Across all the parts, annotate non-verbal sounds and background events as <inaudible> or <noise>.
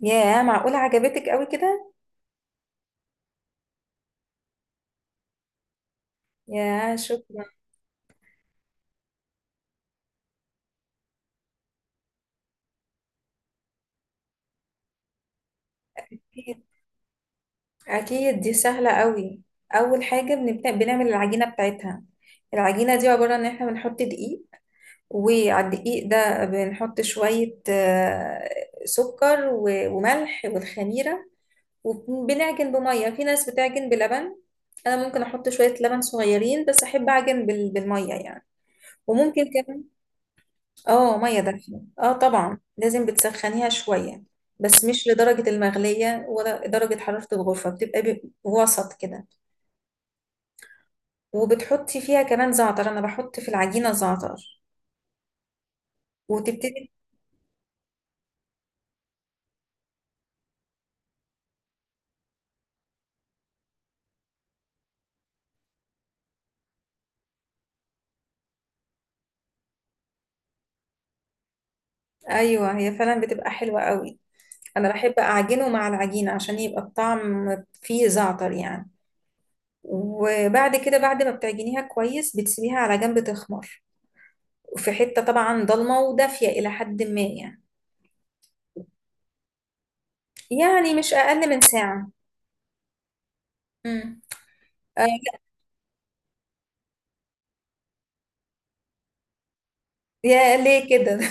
ياه، معقولة عجبتك قوي كده؟ ياه، شكرا. أكيد. أكيد دي سهلة قوي. أول حاجة بنبدأ بنعمل العجينة بتاعتها. العجينة دي عبارة إن إحنا بنحط دقيق، وعلى الدقيق ده بنحط شوية سكر و- وملح والخميرة. وبنعجن بمية، في ناس بتعجن بلبن. أنا ممكن أحط شوية لبن صغيرين، بس أحب أعجن بالمية يعني. وممكن كمان. اه، ميه دافيه، اه طبعا لازم بتسخنيها شويه. بس مش لدرجه المغليه، ولا درجه حراره الغرفه، بتبقى وسط كده. وبتحطي فيها كمان زعتر، انا بحط في العجينه زعتر. وتبتدي. ايوه، هي فعلا بتبقى حلوه قوي. انا بحب اعجنه مع العجينه عشان يبقى الطعم فيه زعتر يعني. وبعد كده، بعد ما بتعجنيها كويس، بتسيبيها على جنب تخمر، في حته طبعا ضلمه ودافيه الى حد ما يعني. يعني مش اقل من ساعه. مم. آه، يا ليه كده؟ <laughs>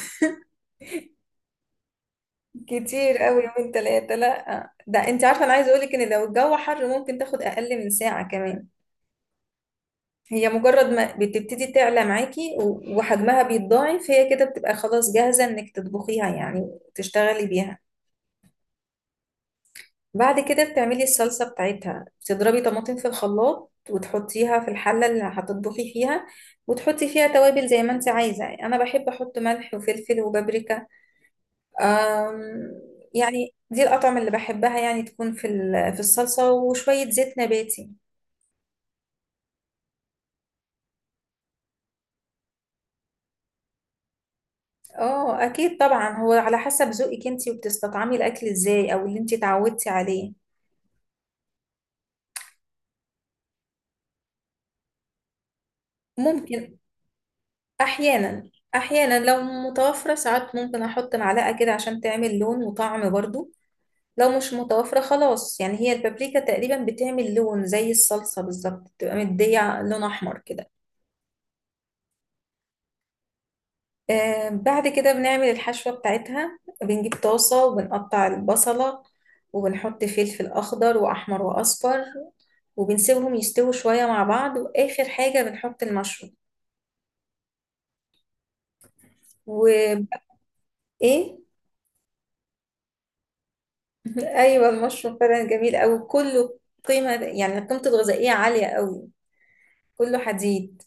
كتير قوي يومين ثلاثة. لا، ده انت عارفة انا عايزة اقولك ان لو الجو حر ممكن تاخد اقل من ساعة كمان. هي مجرد ما بتبتدي تعلى معاكي و- وحجمها بيتضاعف، هي كده بتبقى خلاص جاهزة انك تطبخيها، يعني تشتغلي بيها. بعد كده بتعملي الصلصة بتاعتها، بتضربي طماطم في الخلاط وتحطيها في الحلة اللي هتطبخي فيها. وتحطي فيها توابل زي ما انت عايزة. انا بحب احط ملح وفلفل وبابريكا. أم، يعني دي الأطعمة اللي بحبها، يعني تكون في الصلصة، وشوية زيت نباتي. اه، أكيد طبعا، هو على حسب ذوقك انتي وبتستطعمي الأكل ازاي، أو اللي انتي اتعودتي عليه. ممكن. أحيانا. لو متوفرة ساعات ممكن أحط معلقة كده عشان تعمل لون وطعم برضو. لو مش متوفرة خلاص، يعني هي البابريكا تقريبا بتعمل لون زي الصلصة بالظبط، بتبقى مدية لون أحمر كده. بعد كده بنعمل الحشوة بتاعتها، بنجيب طاسة وبنقطع البصلة. وبنحط فلفل أخضر وأحمر وأصفر. وبنسيبهم يستووا شوية مع بعض، وآخر حاجة بنحط المشروم. وإيه؟ أيوة، المشروم فعلا جميل أوي كله. قيمة، يعني قيمته الغذائية عالية أوي. كله حديد.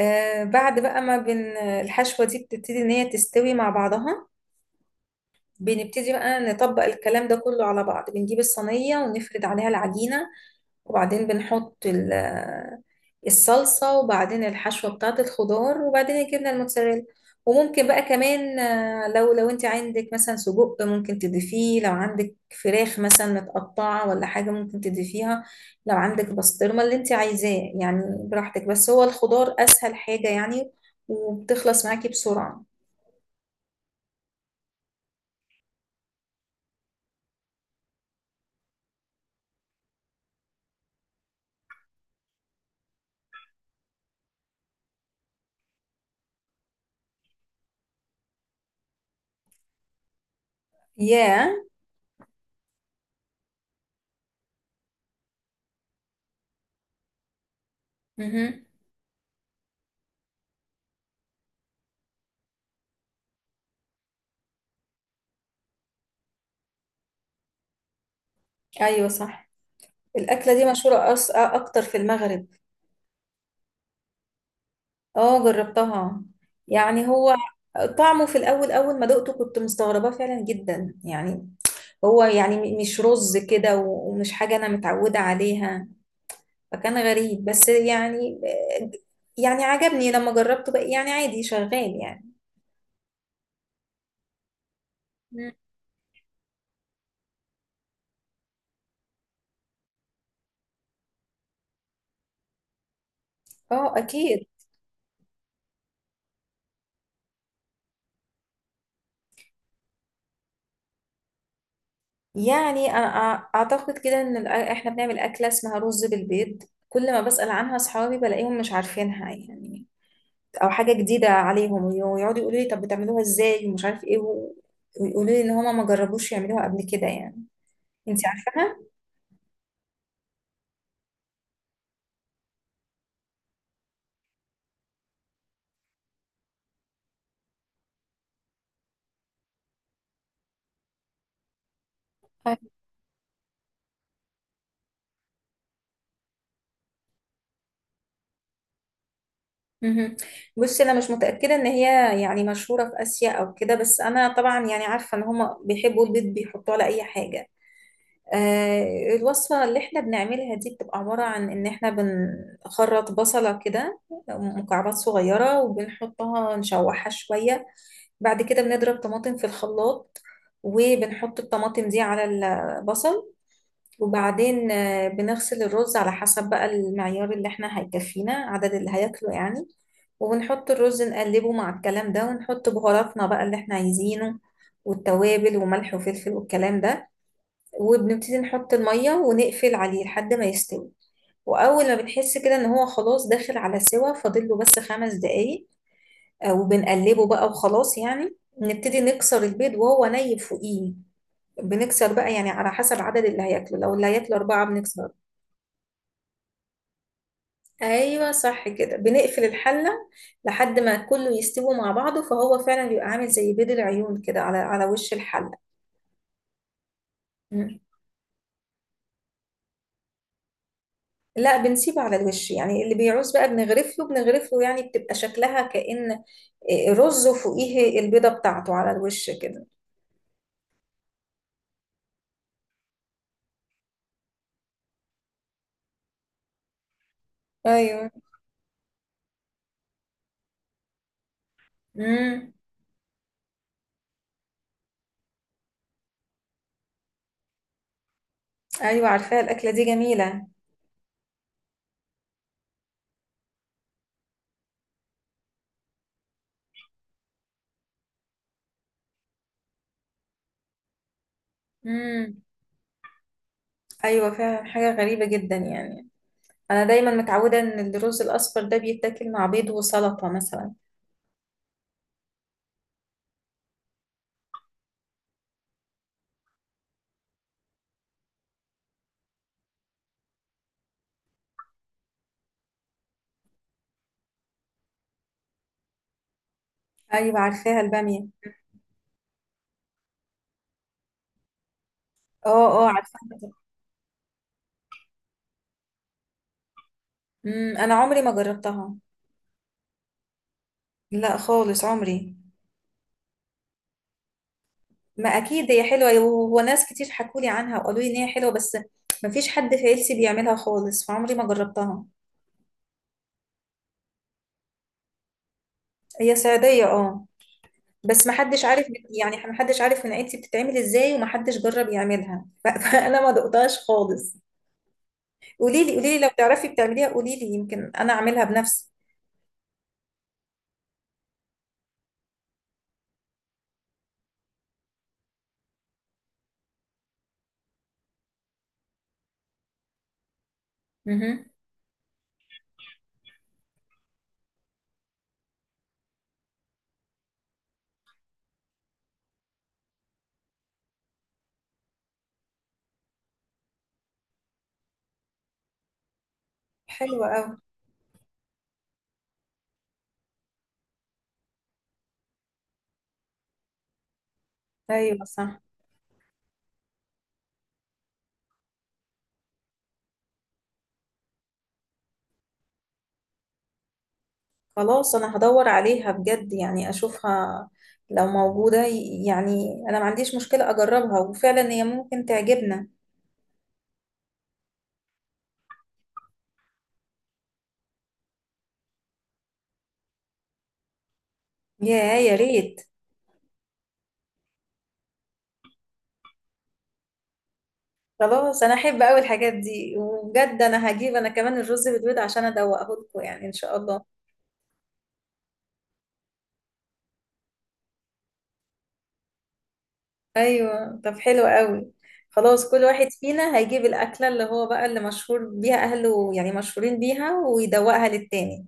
بعد بقى ما الحشوة دي بتبتدي إن هي تستوي مع بعضها. بنبتدي بقى نطبق الكلام ده كله على بعض، بنجيب الصينية ونفرد عليها العجينة. وبعدين بنحط ال- الصلصة، وبعدين الحشوة بتاعة الخضار، وبعدين الجبنة الموتزاريلا. وممكن بقى كمان، لو انت عندك مثلا سجق ممكن تضيفيه، لو عندك فراخ مثلا متقطعة ولا حاجة ممكن تضيفيها، لو عندك بسطرمة، اللي انت عايزاه يعني. براحتك، بس هو الخضار أسهل حاجة يعني. وبتخلص معاكي بسرعة. ياه. Yeah. ايوه، صح. الأكلة دي مشهورة أكتر في المغرب. اه، جربتها. يعني هو، طعمه في الاول اول ما دقته كنت مستغرباه فعلا جدا يعني. هو يعني مش رز كده، و- ومش حاجه انا متعوده عليها. فكان غريب بس يعني. يعني عجبني لما جربته بقى، يعني عادي شغال يعني. مم. اه، اكيد. يعني أنا اعتقد كده ان احنا بنعمل اكله اسمها رز بالبيض. كل ما بسأل عنها اصحابي بلاقيهم مش عارفينها يعني، او حاجه جديده عليهم، ويقعدوا يقولوا لي طب بتعملوها ازاي ومش عارف ايه ويقولوا لي ان هما ما جربوش يعملوها قبل كده يعني. انت عارفاها؟ أيوة. مهم. بصي، انا مش متاكده ان هي يعني مشهوره في اسيا او كده، بس انا طبعا يعني عارفه ان هما بيحبوا البيض بيحطوه على اي حاجه. الوصفه اللي احنا بنعملها دي بتبقى عباره عن ان احنا بنخرط بصله كده، مكعبات صغيره، وبنحطها نشوحها شويه. بعد كده بنضرب طماطم في الخلاط، وبنحط الطماطم دي على البصل. وبعدين بنغسل الرز على حسب بقى المعيار اللي احنا هيكفينا عدد اللي هياكله يعني. وبنحط الرز نقلبه مع الكلام ده، ونحط بهاراتنا بقى اللي احنا عايزينه، والتوابل وملح وفلفل والكلام ده. وبنبتدي نحط المية ونقفل عليه لحد ما يستوي. وأول ما بنحس كده إن هو خلاص داخل على سوا، فاضل له بس خمس دقايق. وبنقلبه بقى، وخلاص يعني نبتدي نكسر البيض وهو ني فوقيه. بنكسر بقى يعني على حسب عدد اللي هياكله، لو اللي هياكله أربعة بنكسر. أيوة صح، كده بنقفل الحلة لحد ما كله يستوي مع بعضه، فهو فعلا بيبقى عامل زي بيض العيون كده على وش الحلة. مم. لا، بنسيبه على الوش. يعني اللي بيعوز بقى بنغرف له بنغرف له، يعني بتبقى شكلها كأن، رز وفوقيه البيضة بتاعته على الوش كده. ايوه. امم. ايوه، عارفاها. الاكله دي جميله. مم. ايوه، فعلا حاجه غريبه جدا يعني. انا دايما متعوده ان الرز الاصفر ده بيتاكل مع بيض وسلطه مثلا. ايوه، عارفاها الباميه. اه. اه، عارفاها. امم، انا عمري ما جربتها. لا خالص، عمري. ما اكيد هي حلوه، و- وناس كتير حكوا لي عنها وقالوا لي ان هي حلوه، بس ما فيش حد في عيلتي بيعملها خالص فعمري ما جربتها. هي صعيديه، اه. بس ما حدش عارف. يعني ما حدش عارف من عيلتي بتتعمل ازاي، وما حدش جرب يعملها <laughs> ف- فانا ما دقتهاش خالص. قولي لي، قولي لي لو تعرفي بتعمليها. قولي لي يمكن انا اعملها بنفسي. امم. حلوة قوي. ايوه، صح. خلاص، انا هدور عليها بجد يعني اشوفها. لو موجودة يعني انا ما عنديش مشكلة اجربها، وفعلا هي ممكن تعجبنا. يا ريت. خلاص، انا احب قوي الحاجات دي، وبجد انا هجيب انا كمان الرز بالبيض عشان ادوقه لكم يعني، ان شاء الله. ايوه، طب حلو قوي. خلاص، كل واحد فينا هيجيب الاكله اللي هو بقى اللي مشهور بيها اهله، يعني مشهورين بيها، ويدوقها للتاني.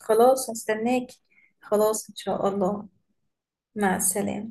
خلاص، هستناكي. خلاص، ان شاء الله. مع السلامه.